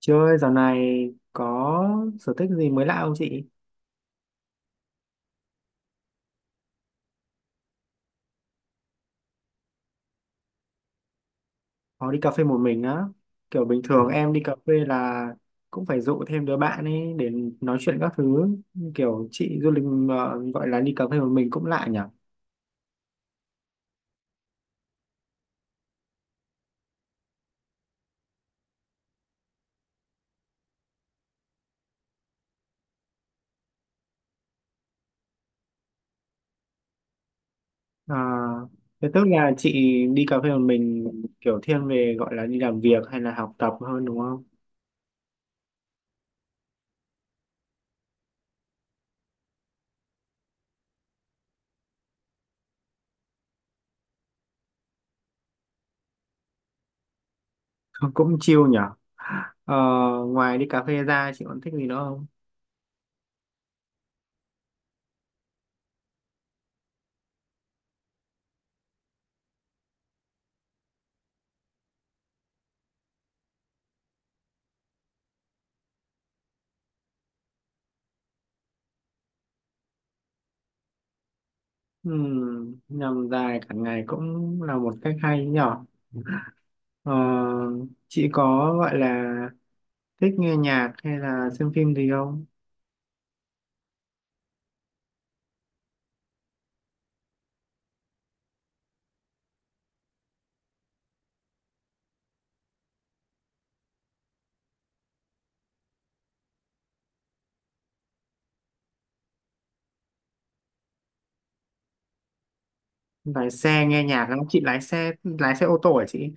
Chị ơi, dạo này có sở thích gì mới lạ không chị? Có đi cà phê một mình á. Kiểu bình thường em đi cà phê là cũng phải dụ thêm đứa bạn ấy để nói chuyện các thứ. Kiểu chị du lịch gọi là đi cà phê một mình cũng lạ nhỉ? À, thế tức là chị đi cà phê một mình kiểu thiên về gọi là đi làm việc hay là học tập hơn đúng không? Cũng chill nhỉ? Ờ, ngoài đi cà phê ra chị còn thích gì nữa không? Nhằm dài cả ngày cũng là một cách hay nhỉ? Ờ, chị có gọi là thích nghe nhạc hay là xem phim gì không? Lái xe nghe nhạc không? Chị lái xe ô tô hả chị?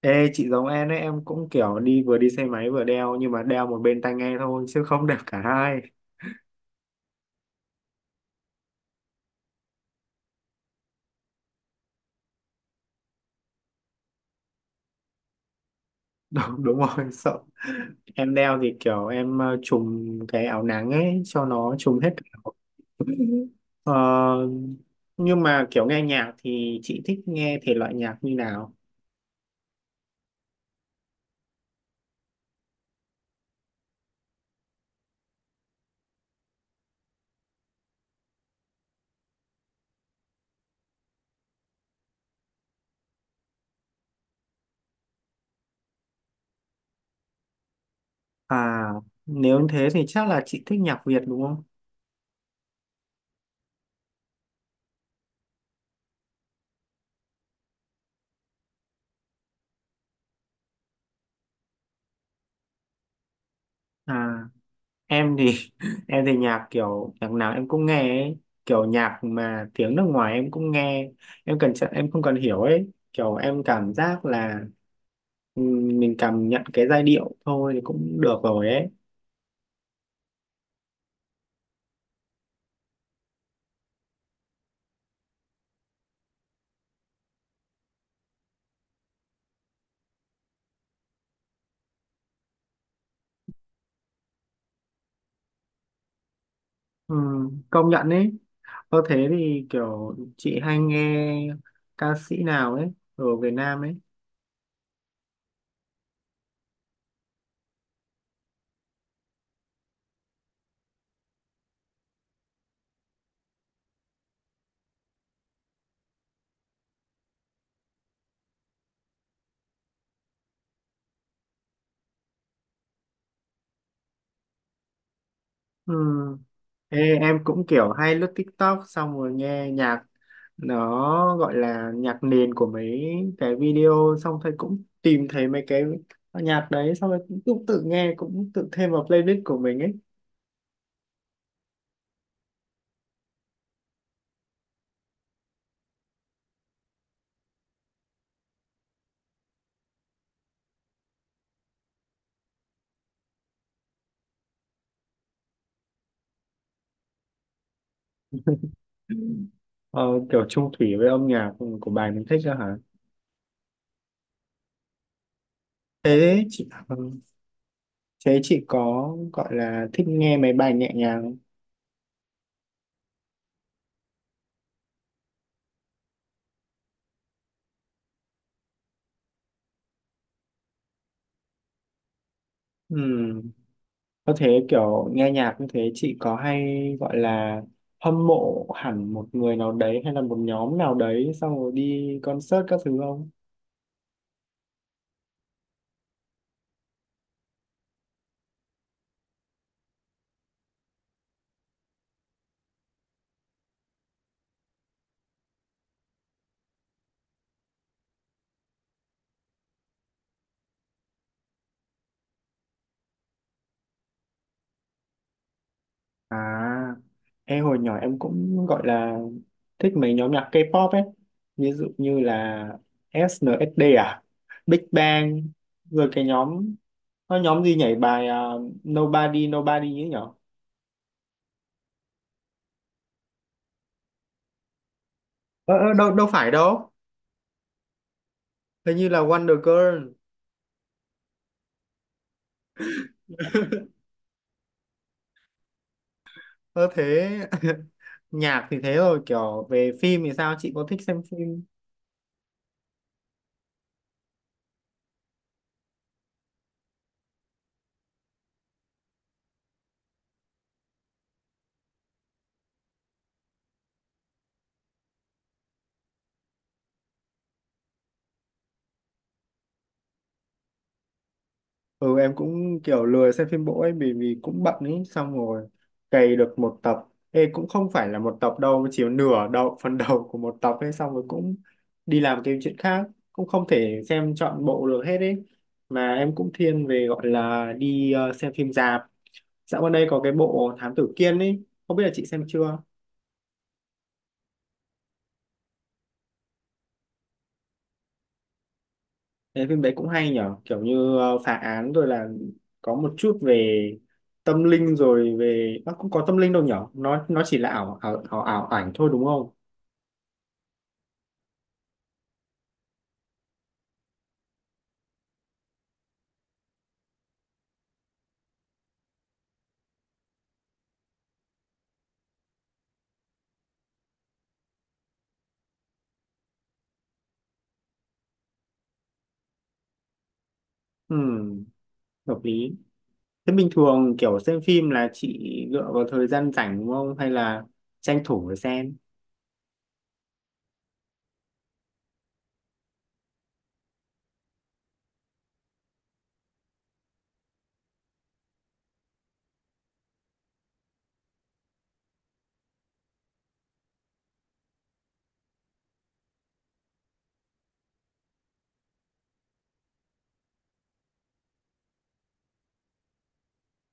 Ê chị giống em đấy, em cũng kiểu đi vừa đi xe máy vừa đeo nhưng mà đeo một bên tai nghe thôi chứ không đeo cả hai. Đúng, đúng rồi, sợ em đeo thì kiểu em trùm cái áo nắng ấy cho nó trùm hết cả. Ờ, nhưng mà kiểu nghe nhạc thì chị thích nghe thể loại nhạc như nào? À, nếu thế thì chắc là chị thích nhạc Việt đúng không? À, em thì em thì nhạc kiểu nhạc nào em cũng nghe ấy. Kiểu nhạc mà tiếng nước ngoài em cũng nghe, em cần em không cần hiểu ấy, kiểu em cảm giác là mình cảm nhận cái giai điệu thôi thì cũng được rồi ấy. Công nhận ấy, có thế thì kiểu chị hay nghe ca sĩ nào ấy ở Việt Nam ấy. Ê, em cũng kiểu hay lướt TikTok xong rồi nghe nhạc, nó gọi là nhạc nền của mấy cái video xong thấy cũng tìm thấy mấy cái nhạc đấy xong rồi cũng tự nghe, cũng tự thêm vào playlist của mình ấy. Ừ. Ờ, kiểu chung thủy với âm nhạc của bài mình thích đó hả? thế chị ừ, Thế chị có gọi là thích nghe mấy bài nhẹ nhàng không? Ừ. Có thế kiểu nghe nhạc như thế chị có hay gọi là hâm mộ hẳn một người nào đấy hay là một nhóm nào đấy xong rồi đi concert các thứ không? À, em hồi nhỏ em cũng gọi là thích mấy nhóm nhạc K-pop ấy. Ví dụ như là SNSD à, Big Bang, rồi cái nhóm, có nhóm gì nhảy bài à, Nobody Nobody ấy nhở? Ờ, ờ, đâu, đâu phải đâu, hình như là Wonder Girl. Ơ thế nhạc thì thế rồi, kiểu về phim thì sao, chị có thích xem phim? Ừ, em cũng kiểu lười xem phim bộ ấy, vì vì cũng bận ấy, xong rồi cày được một tập. Ê, cũng không phải là một tập đâu, chỉ nửa đầu phần đầu của một tập ấy, xong rồi cũng đi làm cái chuyện khác, cũng không thể xem trọn bộ được hết ấy. Mà em cũng thiên về gọi là đi xem phim rạp. Dạo gần đây có cái bộ Thám Tử Kiên ấy, không biết là chị xem chưa. Cái phim đấy cũng hay nhở, kiểu như phá án rồi là có một chút về tâm linh, rồi về nó cũng có tâm linh đâu nhở, nó chỉ là ảo ảnh thôi đúng không? Ừm, hợp lý. Thế bình thường kiểu xem phim là chị dựa vào thời gian rảnh đúng không hay là tranh thủ để xem?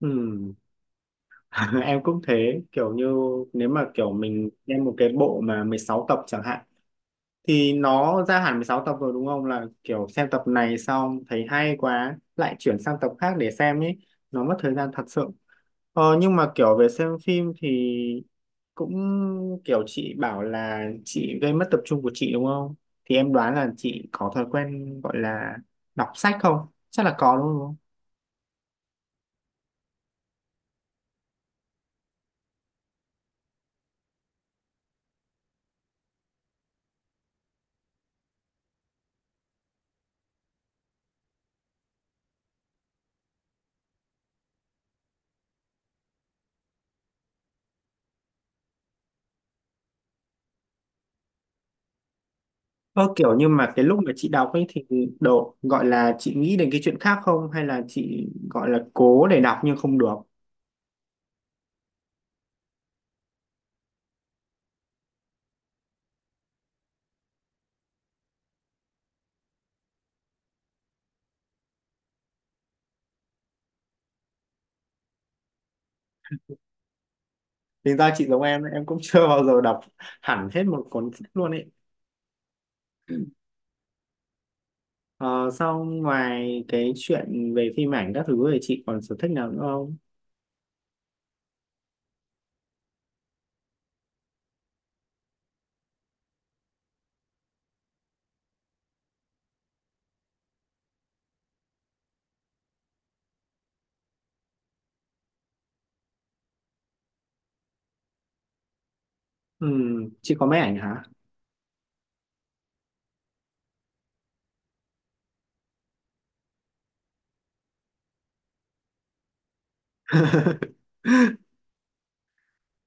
Ừm, em cũng thế, kiểu như nếu mà kiểu mình xem một cái bộ mà 16 tập chẳng hạn thì nó ra hẳn 16 tập rồi đúng không, là kiểu xem tập này xong thấy hay quá lại chuyển sang tập khác để xem ấy, nó mất thời gian thật sự. Ờ, nhưng mà kiểu về xem phim thì cũng kiểu chị bảo là chị gây mất tập trung của chị đúng không, thì em đoán là chị có thói quen gọi là đọc sách không, chắc là có đúng không? Ơ kiểu như mà cái lúc mà chị đọc ấy thì độ gọi là chị nghĩ đến cái chuyện khác không hay là chị gọi là cố để đọc nhưng không được? Tính ra chị giống em cũng chưa bao giờ đọc hẳn hết một cuốn sách luôn ấy. Ờ, sau ngoài cái chuyện về phim ảnh các thứ thì chị còn sở thích nào nữa không? Ừ, chị có máy ảnh hả?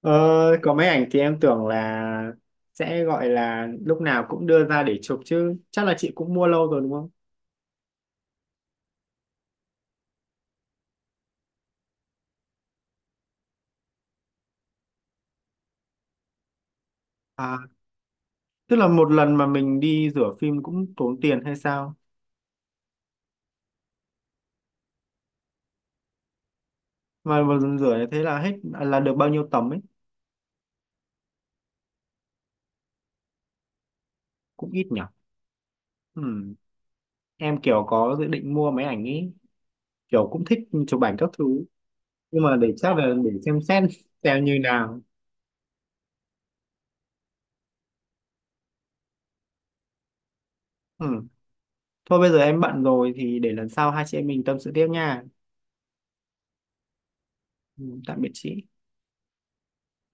Ờ, có máy ảnh thì em tưởng là sẽ gọi là lúc nào cũng đưa ra để chụp chứ. Chắc là chị cũng mua lâu rồi đúng không? À, tức là một lần mà mình đi rửa phim cũng tốn tiền hay sao? Mà một lần rửa như thế là hết là được bao nhiêu tấm ấy? Cũng ít nhỉ? Ừ. Em kiểu có dự định mua máy ảnh ý, kiểu cũng thích chụp ảnh các thứ nhưng mà để chắc là để xem xét xem như nào. Ừ. Thôi bây giờ em bận rồi thì để lần sau hai chị em mình tâm sự tiếp nha. Ừ, tạm biệt chị.